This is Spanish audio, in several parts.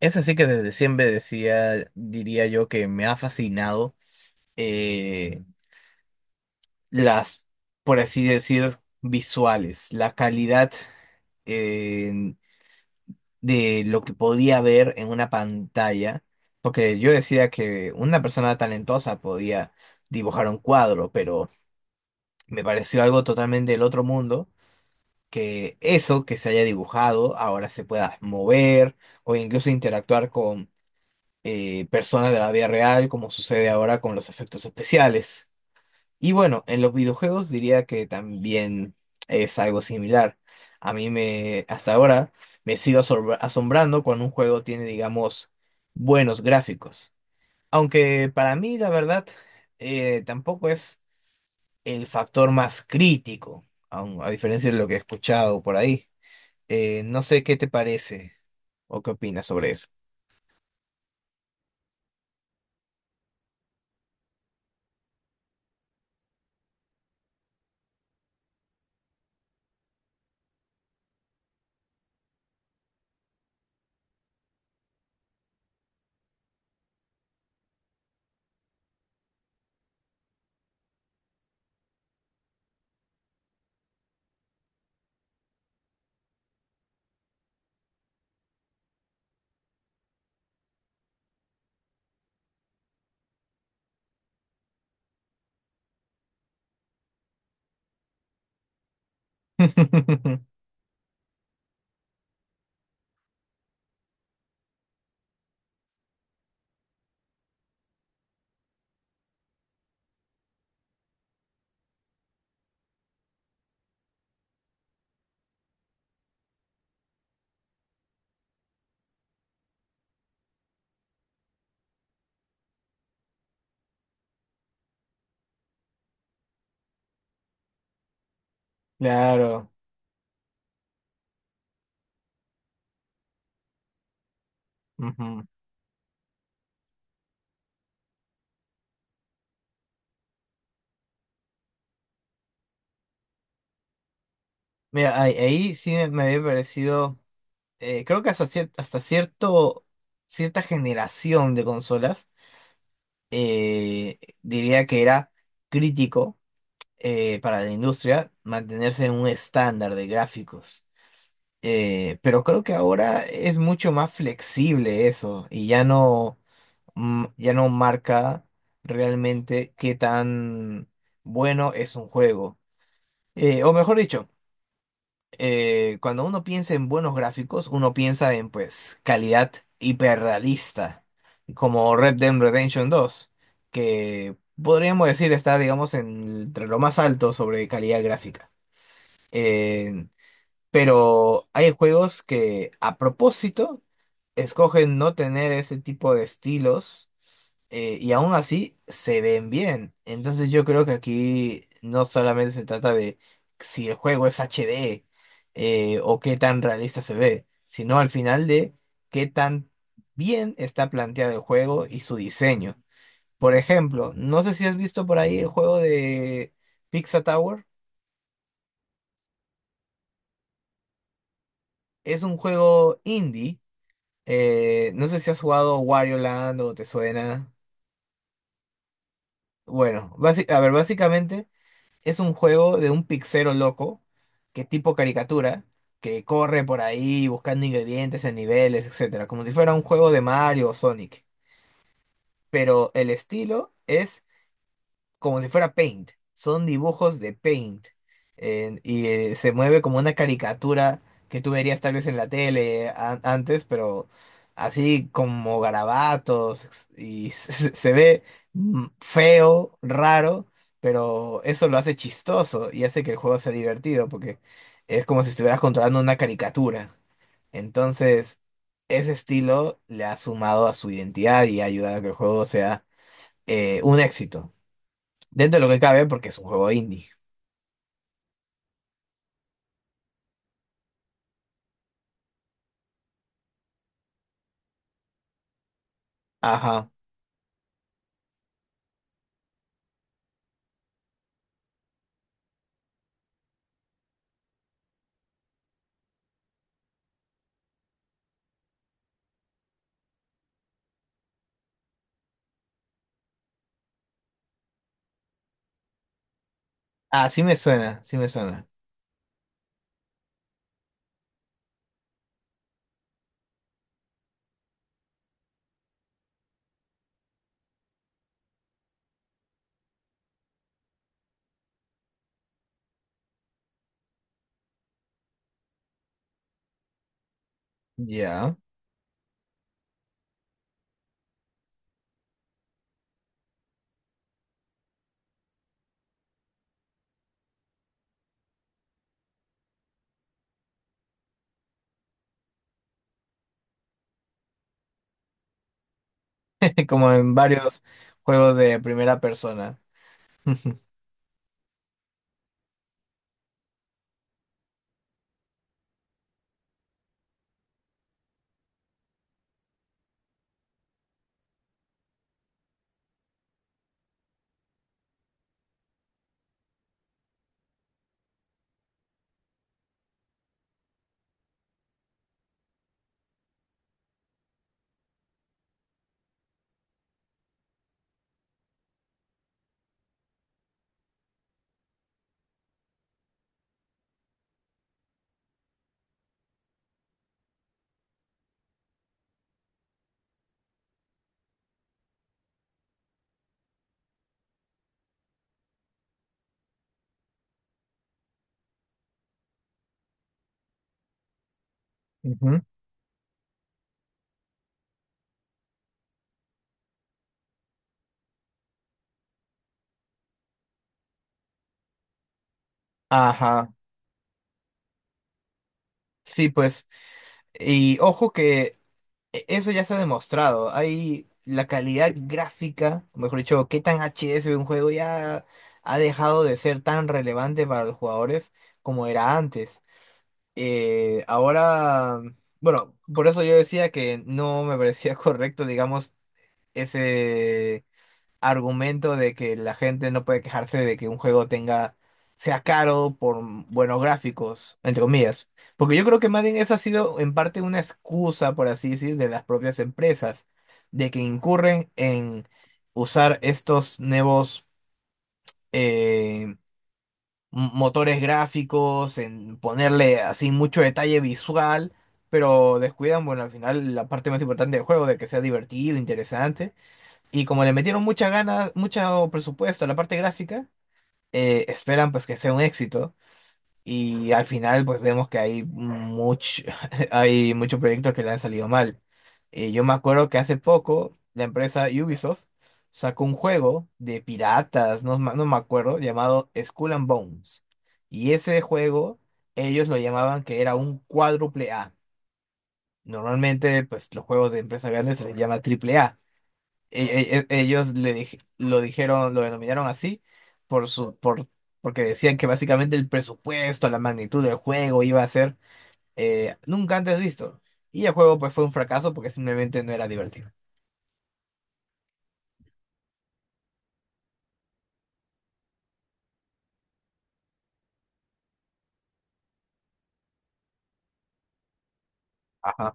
Es así que desde siempre decía, diría yo que me ha fascinado eh, las, por así decir, visuales, la calidad eh, de lo que podía ver en una pantalla, porque yo decía que una persona talentosa podía dibujar un cuadro, pero me pareció algo totalmente del otro mundo, que eso que se haya dibujado ahora se pueda mover o incluso interactuar personas de la vida real, como sucede ahora con los efectos especiales. Y bueno, en los videojuegos diría que también es algo similar. Hasta ahora, me sigo asombrando cuando un juego tiene, digamos, buenos gráficos. Aunque para mí, la verdad, tampoco es el factor más crítico, a diferencia de lo que he escuchado por ahí. No sé qué te parece o qué opinas sobre eso. Claro. Ujú. Mira, ahí sí me había parecido, creo que hasta cierto, cierta generación de consolas, diría que era crítico para la industria mantenerse en un estándar de gráficos. Pero creo que ahora es mucho más flexible eso y ya no marca realmente qué tan bueno es un juego. O mejor dicho, cuando uno piensa en buenos gráficos, uno piensa en pues calidad hiperrealista, como Red Dead Redemption dos, que podríamos decir está, digamos, entre lo más alto sobre calidad gráfica. Eh, pero hay juegos que a propósito escogen no tener ese tipo de estilos y aún así se ven bien. Entonces yo creo que aquí no solamente se trata de si el juego es HD, o qué tan realista se ve, sino al final de qué tan bien está planteado el juego y su diseño. Por ejemplo, no sé si has visto por ahí el juego de Pizza Tower. Es un juego indie. No sé si has jugado Wario Land o te suena. Bueno, a ver, básicamente es un juego de un pixero loco, que tipo caricatura, que corre por ahí buscando ingredientes en niveles, etcétera, como si fuera un juego de Mario o Sonic. Pero el estilo es como si fuera Paint. Son dibujos de Paint. Se mueve como una caricatura que tú verías tal vez en la tele antes, pero así como garabatos y se ve feo, raro, pero eso lo hace chistoso y hace que el juego sea divertido porque es como si estuvieras controlando una caricatura. Entonces, ese estilo le ha sumado a su identidad y ha ayudado a que el juego sea, un éxito. Dentro de lo que cabe, porque es un juego indie. Ajá. Ah, sí me suena, sí me suena. Ya. Como en varios juegos de primera persona. Ujú. Ajá. Sí, pues. Y ojo que eso ya se ha demostrado. Hay la calidad gráfica, o mejor dicho, qué tan HD se ve un juego ya ha dejado de ser tan relevante para los jugadores como era antes. Ahora, bueno, por eso yo decía que no me parecía correcto, digamos ese argumento de que la gente no puede quejarse de que un juego sea caro por buenos gráficos, entre comillas. Porque yo creo que más bien esa ha sido en parte una excusa, por así decir, de las propias empresas, de que incurren en usar estos nuevos eh, motores gráficos, en ponerle así mucho detalle visual. Pero descuidan, bueno, al final la parte más importante del juego, de que sea divertido, interesante. Y como le metieron muchas ganas, mucho presupuesto a la parte gráfica, esperan pues que sea un éxito. Y al final pues vemos que hay muchos proyectos que le han salido mal. Yo me acuerdo que hace poco la empresa Ubisoft sacó un juego de piratas, no me acuerdo, llamado Skull and Bones. Y ese juego ellos lo llamaban que era un cuádruple A. Normalmente pues los juegos de empresas grandes se les llama triple A. Ellos lo dijeron, lo denominaron así por su, por, porque decían que básicamente el presupuesto, la magnitud del juego iba a ser, nunca antes visto. Y el juego pues fue un fracaso porque simplemente no era divertido. Ajá.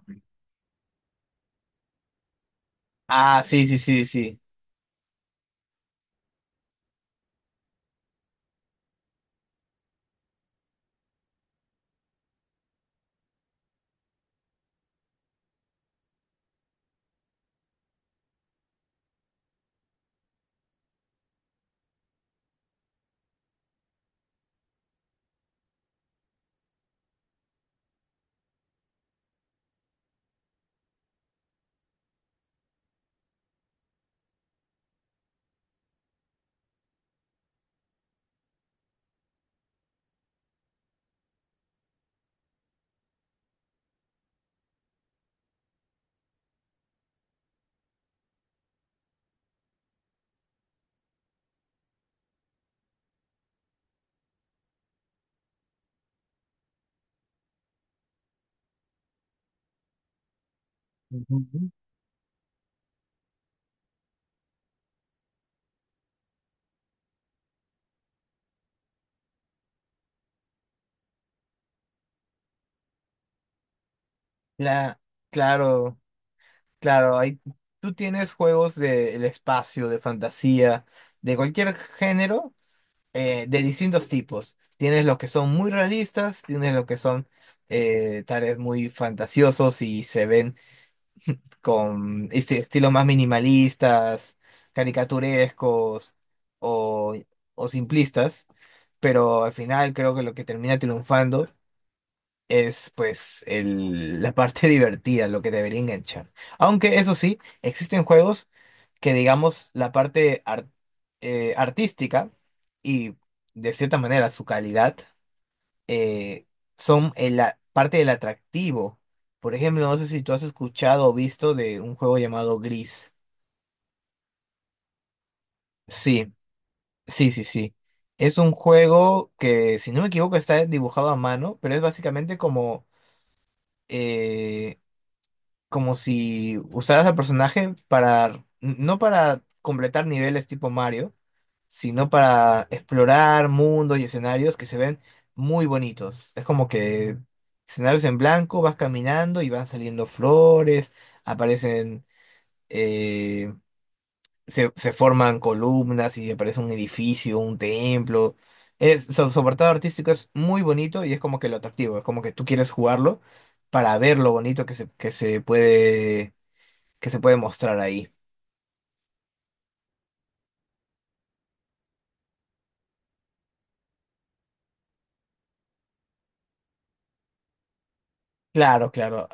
Ah, sí, sí, sí, sí. Ujú. La, claro, claro, hay, tú tienes juegos del espacio, de fantasía, de cualquier género, de distintos tipos. Tienes los que son muy realistas, tienes los que son tales muy fantasiosos y se ven con este estilos más minimalistas, caricaturescos o, o simplistas, pero al final creo que lo que termina triunfando es pues la parte divertida, lo que debería enganchar. Aunque eso sí, existen juegos que digamos la parte artística y de cierta manera su calidad, eh, son en la parte del atractivo. Por ejemplo, no sé si tú has escuchado o visto de un juego llamado Gris. Sí, sí, sí, sí. Es un juego que, si no me equivoco, está dibujado a mano, pero es básicamente como eh, como si usaras al personaje para, no para completar niveles tipo Mario, sino para explorar mundos y escenarios que se ven muy bonitos. Es como que escenarios en blanco, vas caminando y van saliendo flores, aparecen, eh, se forman columnas y aparece un edificio, un templo. Su apartado artístico es muy bonito y es como que lo atractivo, es como que tú quieres jugarlo para ver lo bonito que se puede mostrar ahí. Claro, claro,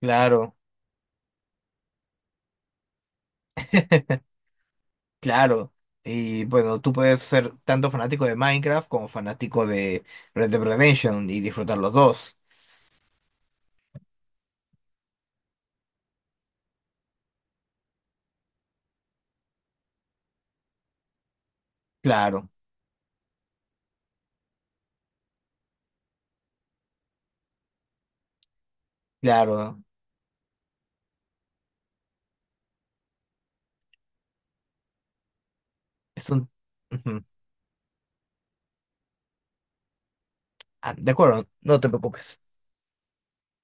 claro, claro. Y bueno, tú puedes ser tanto fanático de Minecraft como fanático de Red Dead Redemption y disfrutar los dos. Claro, claro. Es un... Ujú. Ah, de acuerdo, no te preocupes.